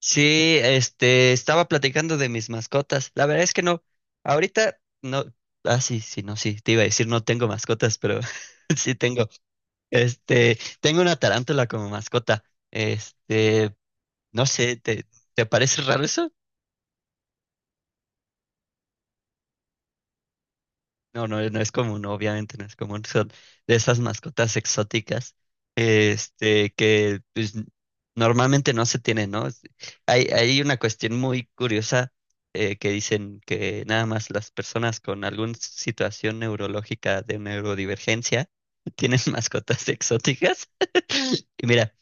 Sí, estaba platicando de mis mascotas. La verdad es que no, ahorita no, sí, sí, no, sí, te iba a decir no tengo mascotas, pero sí tengo. Tengo una tarántula como mascota. Este, no sé, ¿te parece raro eso? No, no, no es común, obviamente no es común. Son de esas mascotas exóticas, que pues, normalmente no se tienen, ¿no? Hay una cuestión muy curiosa que dicen que nada más las personas con alguna situación neurológica de neurodivergencia tienen mascotas exóticas. Y mira,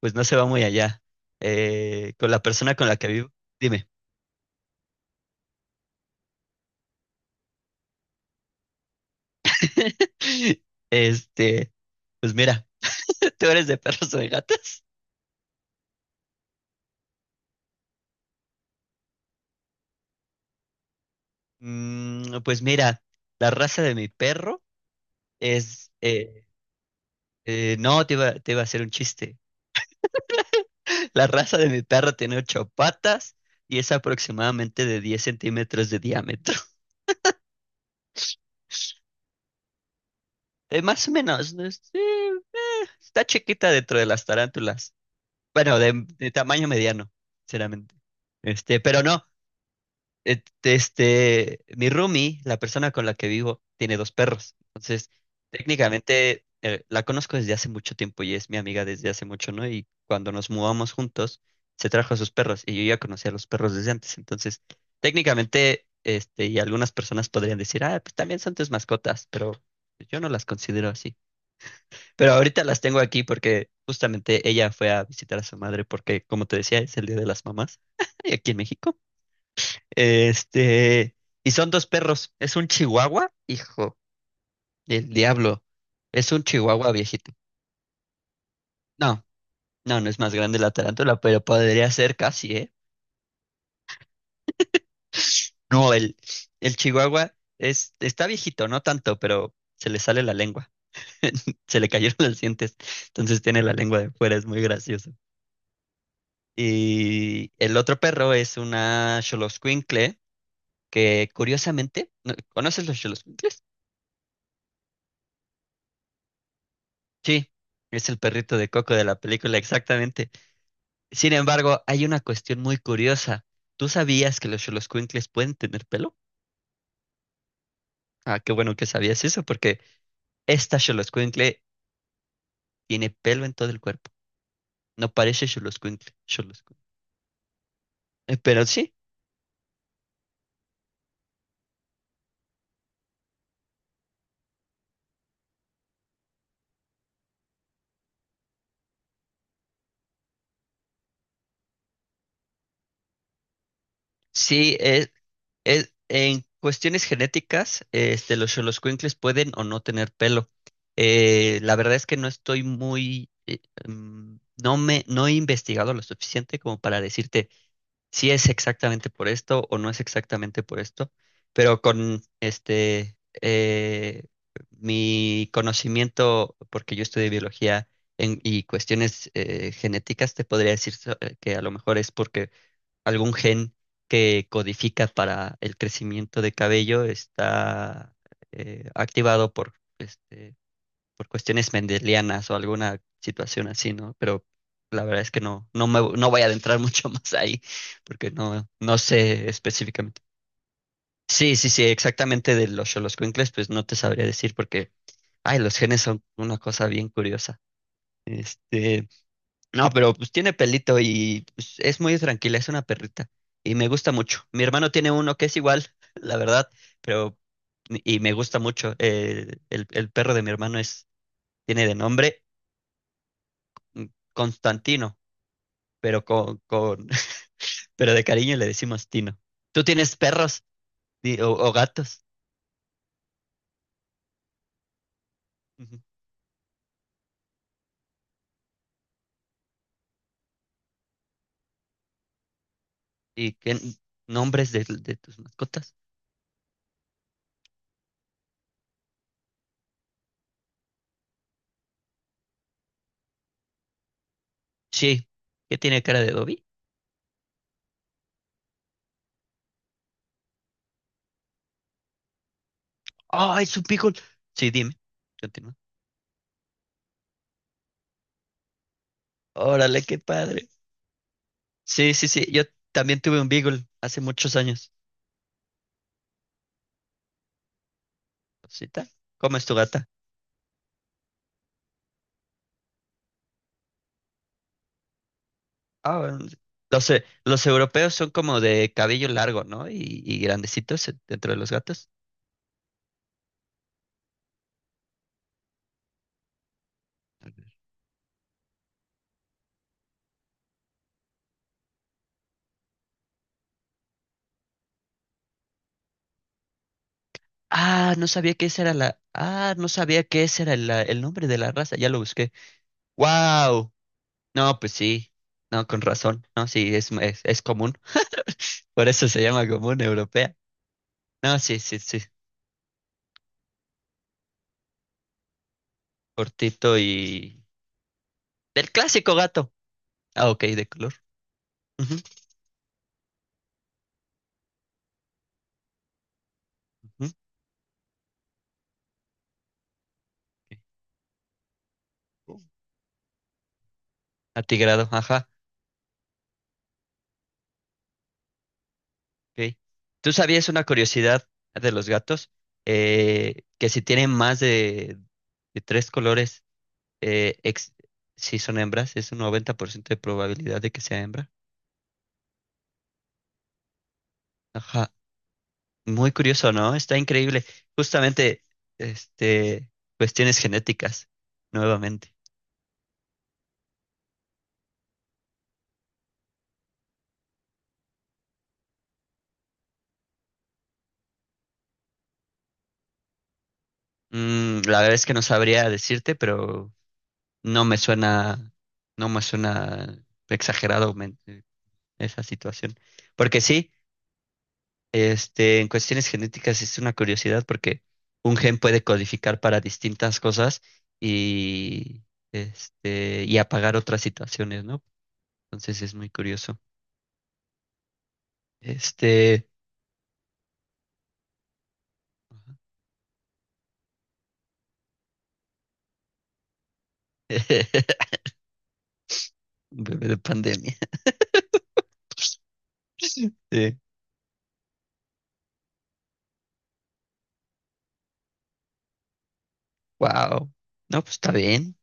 pues no se va muy allá. Con la persona con la que vivo, dime, este, pues mira, ¿tú eres de perros o de gatos? Pues mira, la raza de mi perro es... eh, no, te iba a hacer un chiste. La raza de mi perro tiene ocho patas y es aproximadamente de 10 centímetros de diámetro. Más o menos, ¿no? Sí, está chiquita dentro de las tarántulas. Bueno, de tamaño mediano, sinceramente. Pero no, Mi roomie, la persona con la que vivo, tiene dos perros. Entonces, técnicamente la conozco desde hace mucho tiempo y es mi amiga desde hace mucho, ¿no? Y cuando nos mudamos juntos, se trajo a sus perros y yo ya conocía a los perros desde antes. Entonces, técnicamente, y algunas personas podrían decir, ah, pues también son tus mascotas, pero yo no las considero así. Pero ahorita las tengo aquí porque justamente ella fue a visitar a su madre porque, como te decía, es el Día de las Mamás aquí en México. Este, y son dos perros. Es un chihuahua, hijo del diablo. Es un chihuahua viejito. No, no, no es más grande la tarántula, pero podría ser casi, ¿eh? No, el chihuahua está viejito, no tanto, pero se le sale la lengua. Se le cayeron los dientes. Entonces tiene la lengua de fuera, es muy gracioso. Y el otro perro es una xoloscuincle que curiosamente, ¿conoces los xoloscuincles? Sí, es el perrito de Coco de la película, exactamente. Sin embargo, hay una cuestión muy curiosa. ¿Tú sabías que los xoloscuincles pueden tener pelo? Ah, qué bueno que sabías eso, porque esta xoloscuincle tiene pelo en todo el cuerpo. No parece xoloscuincle, xoloscuincle. Pero sí, sí, en cuestiones genéticas, los xoloscuincles pueden o no tener pelo. La verdad es que no estoy muy, mm, no he investigado lo suficiente como para decirte. Si es exactamente por esto o no es exactamente por esto, pero con eh, mi conocimiento, porque yo estudié biología y cuestiones genéticas, te podría decir que a lo mejor es porque algún gen que codifica para el crecimiento de cabello está activado por cuestiones mendelianas o alguna situación así, ¿no? Pero la verdad es que no, no voy a adentrar mucho más ahí, porque no, no sé específicamente. Sí, sí, sí, exactamente de los xoloscuincles, pues no te sabría decir porque, ay, los genes son una cosa bien curiosa. Este, no, pero pues tiene pelito y pues, es muy tranquila, es una perrita y me gusta mucho. Mi hermano tiene uno que es igual, la verdad, pero y me gusta mucho. El perro de mi hermano tiene de nombre mm, Constantino, pero con, con- pero de cariño le decimos Tino. ¿Tú tienes perros o gatos? Ujú. ¿Y qué nombres de tus mascotas? Sí. ¿Qué tiene cara de Dobby? ¡Ah, es un beagle! Sí, dime. Continúa. Órale, qué padre. Sí, sí, sí. Yo también tuve un beagle hace muchos años. Rosita, ¿cómo es tu gata? Ah, bueno, los europeos son como de cabello largo, ¿no? Y grandecitos dentro de los gatos. Ah, no sabía que esa era la. Ah, no sabía que ese era el nombre de la raza. Ya lo busqué. ¡Wow! No, pues sí. No, con razón. No, sí, es común. Por eso se llama común europea. No, sí, sí, sí. Cortito y. Del clásico gato. Ah, ok, de color. Ujú, ujú, ok. Atigrado, ajá. Ok. ¿Tú sabías una curiosidad de los gatos? Que si tienen más de tres colores. Eh, ex- si son hembras, es un 90% de probabilidad de que sea hembra. Ajá. Muy curioso, ¿no? Está increíble. Justamente, este, cuestiones genéticas, nuevamente. La verdad es que no sabría decirte, pero no me suena, no me suena exagerado esa situación. Porque sí, En cuestiones genéticas es una curiosidad porque un gen puede codificar para distintas cosas y, y apagar otras situaciones, ¿no? Entonces es muy curioso. Este, un bebé de pandemia. Sí. Wow. No, pues está bien.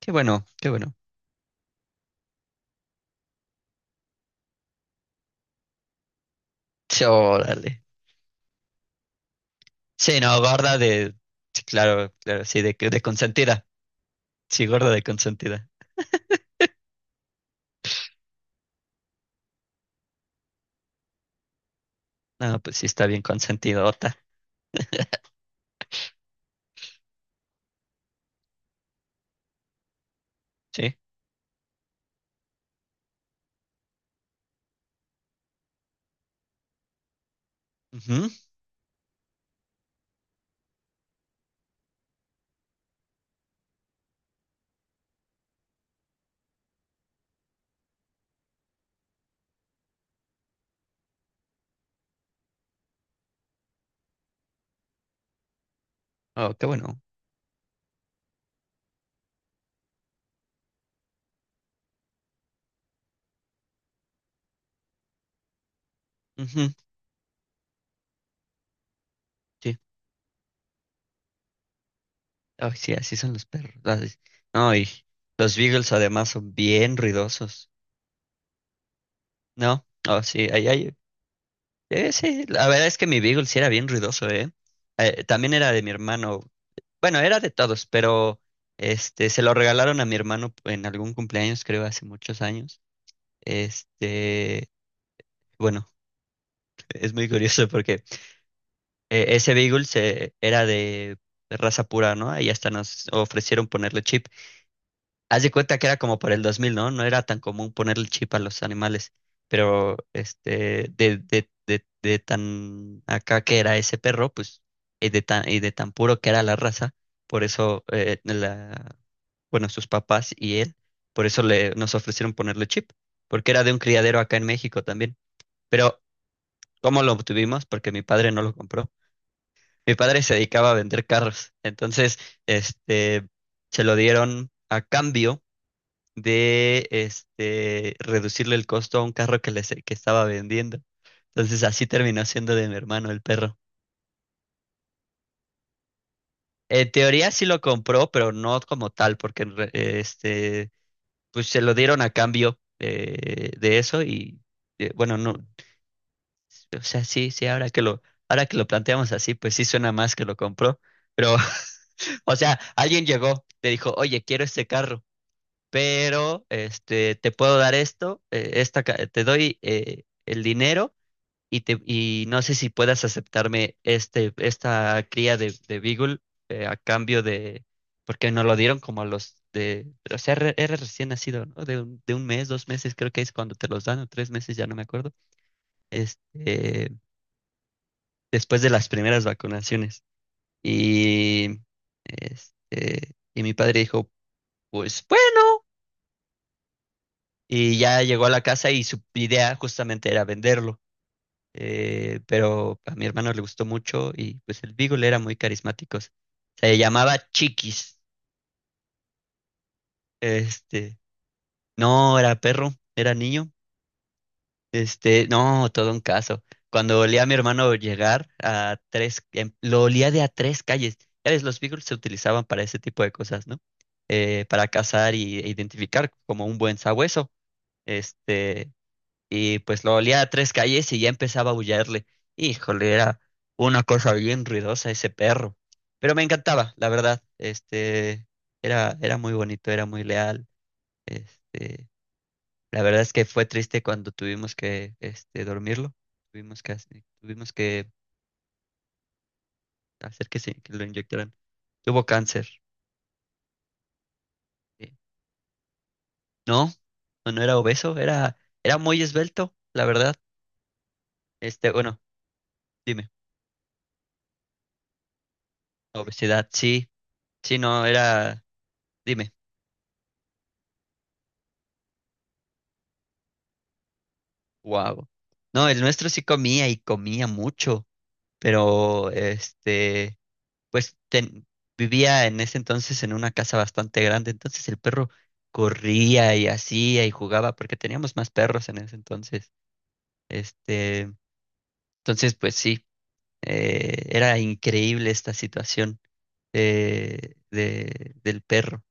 Qué bueno, qué bueno. Sí, órale. Sí, no, gorda de. Sí, claro, claro, sí, de consentida. Sí, gorda de consentida. No, pues sí está bien consentidota. Sí. Ujú. Oh, qué bueno. Sí, ay, sí, así son los perros. Ay, no, y los beagles además son bien ruidosos. ¿No? Oh, sí, ahí hay. Sí, la verdad es que mi beagle sí era bien ruidoso, ¿eh? También era de mi hermano. Bueno, era de todos, pero este se lo regalaron a mi hermano en algún cumpleaños, creo, hace muchos años. Este, bueno, es muy curioso porque ese beagle era de raza pura, ¿no? Y hasta nos ofrecieron ponerle chip. Haz de cuenta que era como para el 2000, ¿no? No era tan común ponerle chip a los animales, pero de tan acá que era ese perro, pues, y de tan puro que era la raza, por eso, bueno, sus papás y él, por eso nos ofrecieron ponerle chip, porque era de un criadero acá en México también. Pero, ¿cómo lo obtuvimos? Porque mi padre no lo compró. Mi padre se dedicaba a vender carros, entonces, este, se lo dieron a cambio de reducirle el costo a un carro que estaba vendiendo. Entonces así terminó siendo de mi hermano el perro. En teoría sí lo compró, pero no como tal, porque pues se lo dieron a cambio de eso y bueno, no, o sea, sí, sí, ahora que lo planteamos así, pues sí suena más que lo compró. Pero, o sea, alguien llegó, le dijo, oye, quiero este carro, pero te puedo dar esto, te doy el dinero y no sé si puedas aceptarme esta cría de Beagle a cambio de, porque nos lo dieron como a los de, o sea, era recién nacido, ¿no? De un mes, 2 meses, creo que es cuando te los dan, o 3 meses, ya no me acuerdo, este, después de las primeras vacunaciones. Y, y mi padre dijo, pues bueno, y ya llegó a la casa y su idea justamente era venderlo. Pero a mi hermano le gustó mucho y pues el Beagle era muy carismático. Se llamaba Chiquis. Este, no era perro, era niño. No, todo un caso. Cuando olía a mi hermano llegar a tres, lo olía de a tres calles. Ya ves, los Beagles se utilizaban para ese tipo de cosas, ¿no? Para cazar e identificar como un buen sabueso. Este, y pues lo olía a tres calles y ya empezaba a aullarle. Híjole, era una cosa bien ruidosa ese perro. Pero me encantaba, la verdad. Era muy bonito, era muy leal. Este, la verdad es que fue triste cuando tuvimos que, dormirlo. Tuvimos que hacer que lo inyectaran. Tuvo cáncer. Eh, No, no no era obeso, era muy esbelto, la verdad. Bueno, dime, obesidad, sí, sí, no, era, dime. Wow. No, el nuestro sí comía y comía mucho, pero pues vivía en ese entonces en una casa bastante grande, entonces el perro corría y hacía y jugaba porque teníamos más perros en ese entonces. Este, entonces pues sí, era increíble esta situación del perro.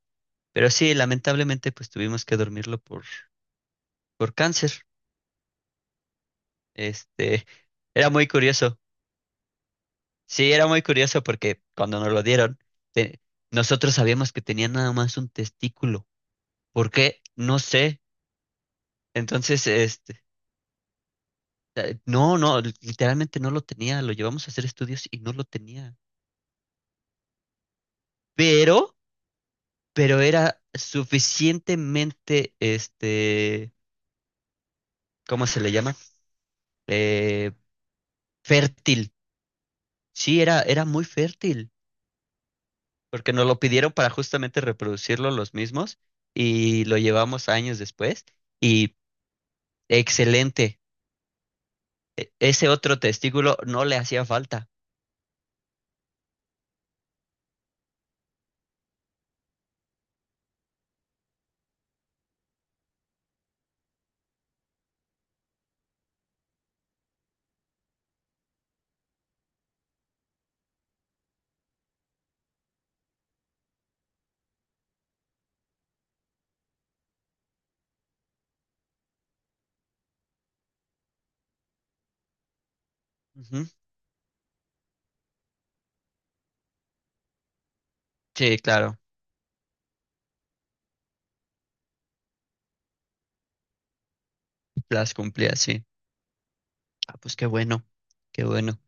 Pero sí, lamentablemente pues tuvimos que dormirlo por cáncer. Este, era muy curioso. Sí, era muy curioso porque cuando nos lo dieron, te- nosotros sabíamos que tenía nada más un testículo. ¿Por qué? No sé. Entonces, no, no, literalmente no lo tenía. Lo llevamos a hacer estudios y no lo tenía. Pero, pero era suficientemente, ¿cómo se le llama? Eh, fértil. Sí, era muy fértil, porque nos lo pidieron para justamente reproducirlo los mismos y lo llevamos años después y excelente. Ese otro testículo no le hacía falta. Ujú. Sí, claro, las cumplía, sí. Ah, pues qué bueno, qué bueno.